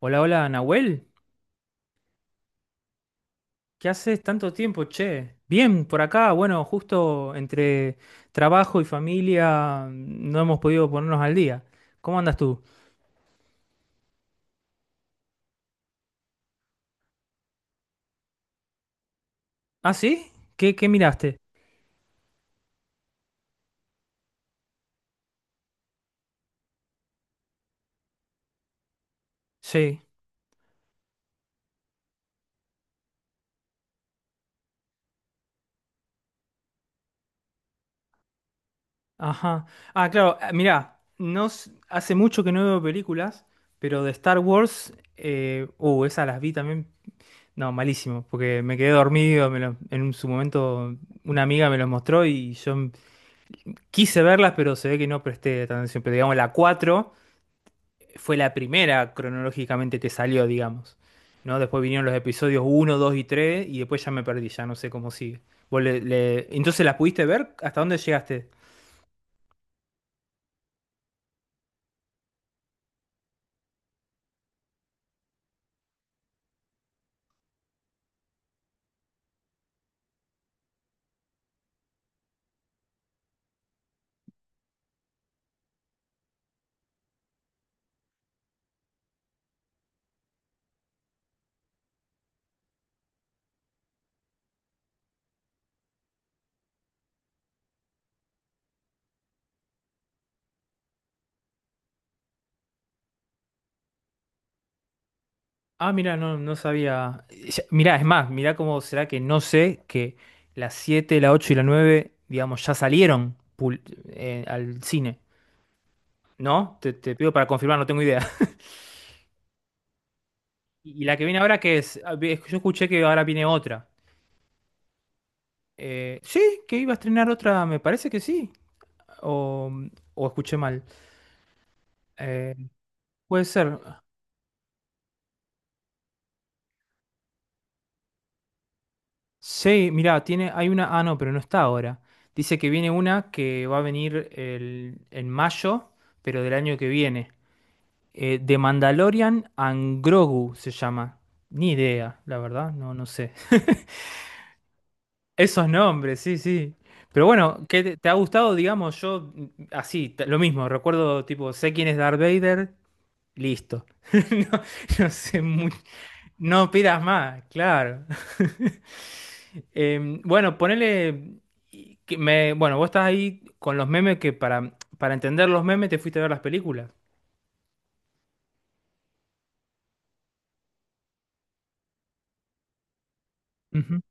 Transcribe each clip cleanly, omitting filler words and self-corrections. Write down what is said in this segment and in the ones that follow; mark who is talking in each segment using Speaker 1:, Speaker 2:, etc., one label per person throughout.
Speaker 1: Hola, hola, Nahuel. ¿Qué haces tanto tiempo, che? Bien, por acá, bueno, justo entre trabajo y familia no hemos podido ponernos al día. ¿Cómo andas tú? ¿Ah, sí? ¿Qué miraste? Sí, ajá. Ah, claro. Ah, mirá, no, hace mucho que no veo películas, pero de Star Wars, esas las vi también. No, malísimo, porque me quedé dormido, me lo- en un- su momento una amiga me los mostró y yo quise verlas, pero se ve que no presté atención. Pero digamos, la 4 fue la primera cronológicamente que salió, digamos. ¿No? Después vinieron los episodios uno, 2 y 3 y después ya me perdí, ya no sé cómo sigue. ¿ Entonces las pudiste ver? ¿Hasta dónde llegaste? Ah, mira, no, no sabía. Mirá, es más, mirá cómo será que no sé que las 7, la 8 y la 9, digamos, ya salieron al cine. ¿No? Te pido para confirmar, no tengo idea. ¿Y la que viene ahora qué es? Ah, yo escuché que ahora viene otra. Sí, que iba a estrenar otra, me parece que sí. o, o escuché mal. Eh, puede ser. Sí, mirá, tiene, hay una. Ah, no, pero no está ahora. Dice que viene una que va a venir en mayo, pero del año que viene. The Mandalorian and Grogu se llama. Ni idea, la verdad, no, no sé. Esos nombres, sí, sí. Pero bueno, ¿qué te ha gustado, digamos, yo así, lo mismo, recuerdo, tipo, sé quién es Darth Vader, listo. No, no sé muy, no pidas más, claro. Bueno, ponele y que me, bueno, vos estás ahí con los memes que para entender los memes te fuiste a ver las películas. Ujú.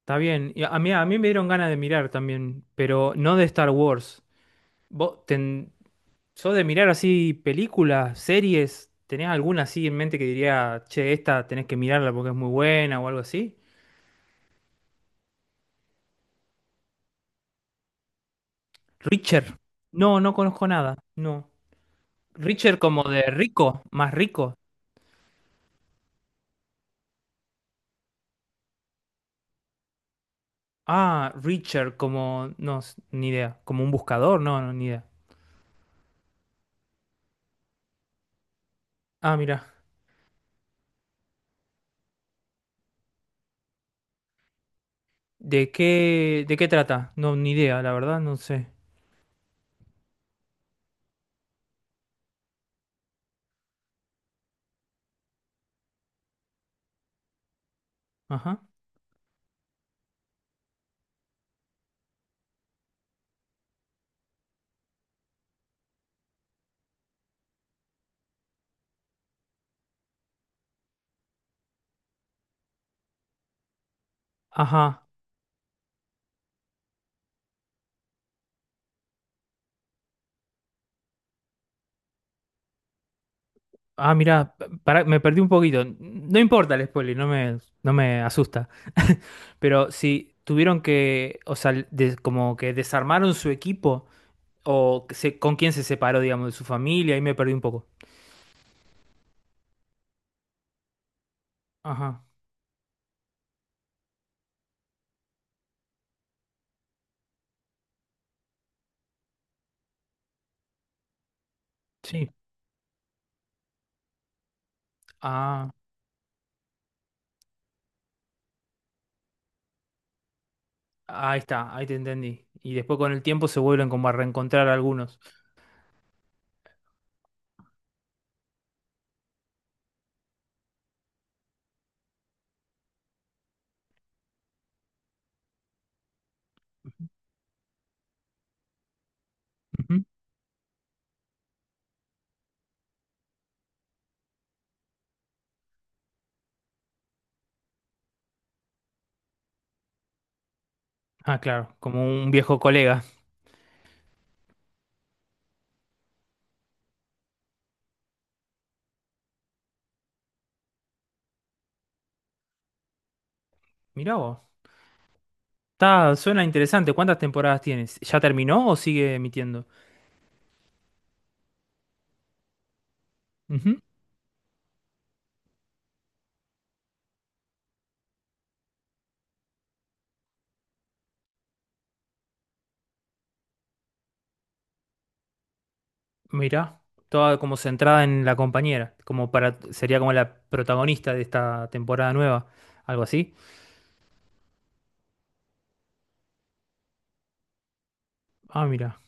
Speaker 1: Está bien. Y a mí me dieron ganas de mirar también, pero no de Star Wars. ¿Vos ten- Yo de mirar así películas, series, ¿tenés alguna así en mente que diría, che, esta tenés que mirarla porque es muy buena o algo así? Richard. No, no conozco nada. No. Richard como de rico, más rico. Ah, Richard como, no, ni idea. Como un buscador, no, no, ni idea. Ah, mira. ¿De qué trata? No, ni idea, la verdad, no sé. Ajá. Ajá. Ah, mira, para, me perdí un poquito. No importa el spoiler, no me asusta. Pero si tuvieron que, o sea, como que desarmaron su equipo, o que con quién se separó, digamos, de su familia, ahí me perdí un poco. Ajá, sí. Ah, ahí está, ahí te entendí. Y después con el tiempo se vuelven como a reencontrar algunos. Ujú. Ah, claro, como un viejo colega. Mirá vos. Suena interesante. ¿Cuántas temporadas tienes? ¿Ya terminó o sigue emitiendo? Mira, toda como centrada en la compañera, como para sería como la protagonista de esta temporada nueva, algo así. Ah, mira,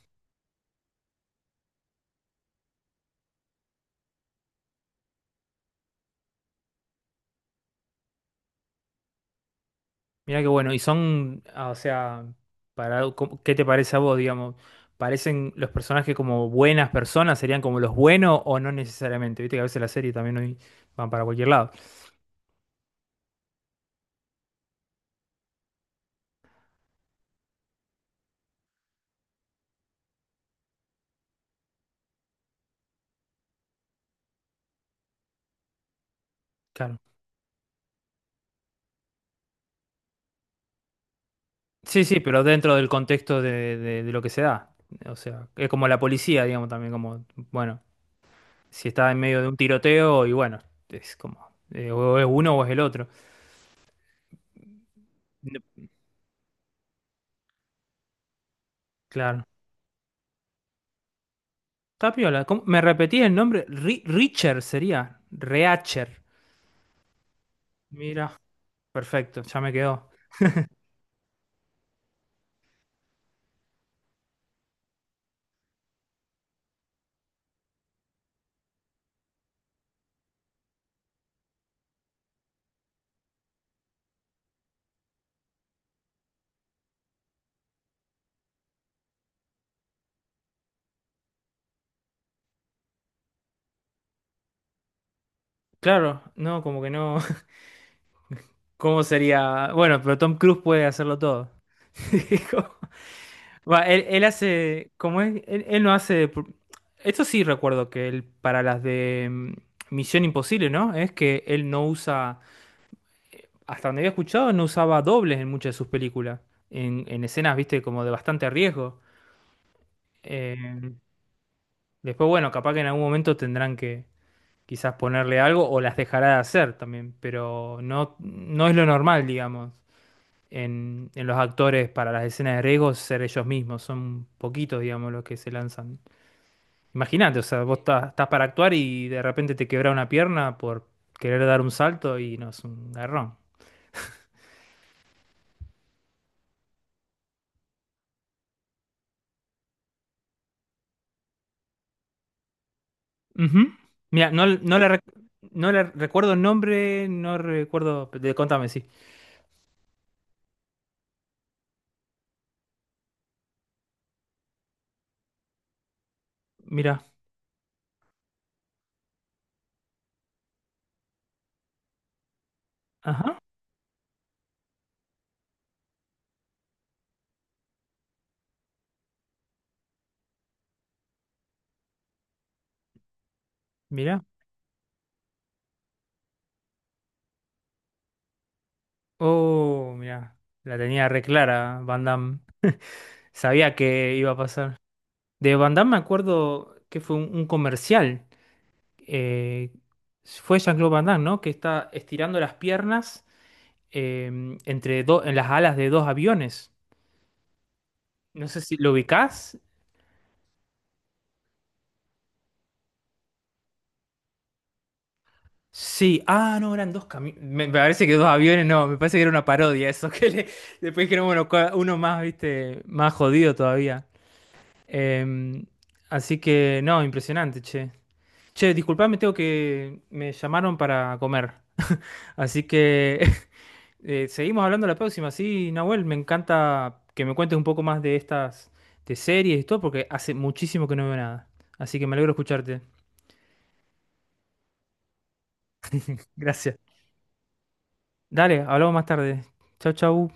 Speaker 1: mira qué bueno. Y son, ah, o sea, para ¿qué te parece a vos, digamos? ¿Parecen los personajes como buenas personas? ¿Serían como los buenos o no necesariamente? Viste que a veces la serie también hoy van para cualquier lado. Claro. Sí, sí, pero dentro del contexto de lo que se da. O sea, es como la policía, digamos, también como, bueno. Si está en medio de un tiroteo y bueno, es como, o es uno o es el otro. No, claro. Está piola. ¿Cómo? ¿Me repetí el nombre? Richer sería. Reacher. Mira, perfecto, ya me quedó. Claro, no, como que no. ¿Cómo sería? Bueno, pero Tom Cruise puede hacerlo todo. Como- Va, él hace, como es, él no hace. Esto sí recuerdo que él, para las de Misión Imposible, ¿no? Es que él no usa hasta donde había escuchado, no usaba dobles en muchas de sus películas. En escenas, viste, como de bastante riesgo. Eh, después, bueno, capaz que en algún momento tendrán que quizás ponerle algo o las dejará de hacer también, pero no, no es lo normal, digamos, en los actores para las escenas de riesgo ser ellos mismos. Son poquitos, digamos, los que se lanzan. Imagínate, o sea, vos estás, para actuar y de repente te quebra una pierna por querer dar un salto y no es un garrón. Ujú. Mira, no, no, no la recuerdo el nombre, no recuerdo. De, contame, sí. Mira, ajá, mira. Oh, mira. La tenía re clara, Van Damme. Sabía que iba a pasar. De Van Damme me acuerdo que fue un comercial. eh, fue Jean-Claude Van Damme, ¿no? Que está estirando las piernas entre dos en las alas de dos aviones. No sé si lo ubicás. Sí, ah, no, eran dos camiones. Me parece que dos aviones, no, me parece que era una parodia eso. Después dijeron, bueno, uno más, viste, más jodido todavía. Em, así que, no, impresionante, che. Che, disculpame, tengo que. Me llamaron para comer. Así que seguimos hablando la próxima. Sí, Nahuel, me encanta que me cuentes un poco más de estas, de series y todo, porque hace muchísimo que no veo nada. Así que me alegro escucharte. Gracias. Dale, hablamos más tarde. Chau, chau.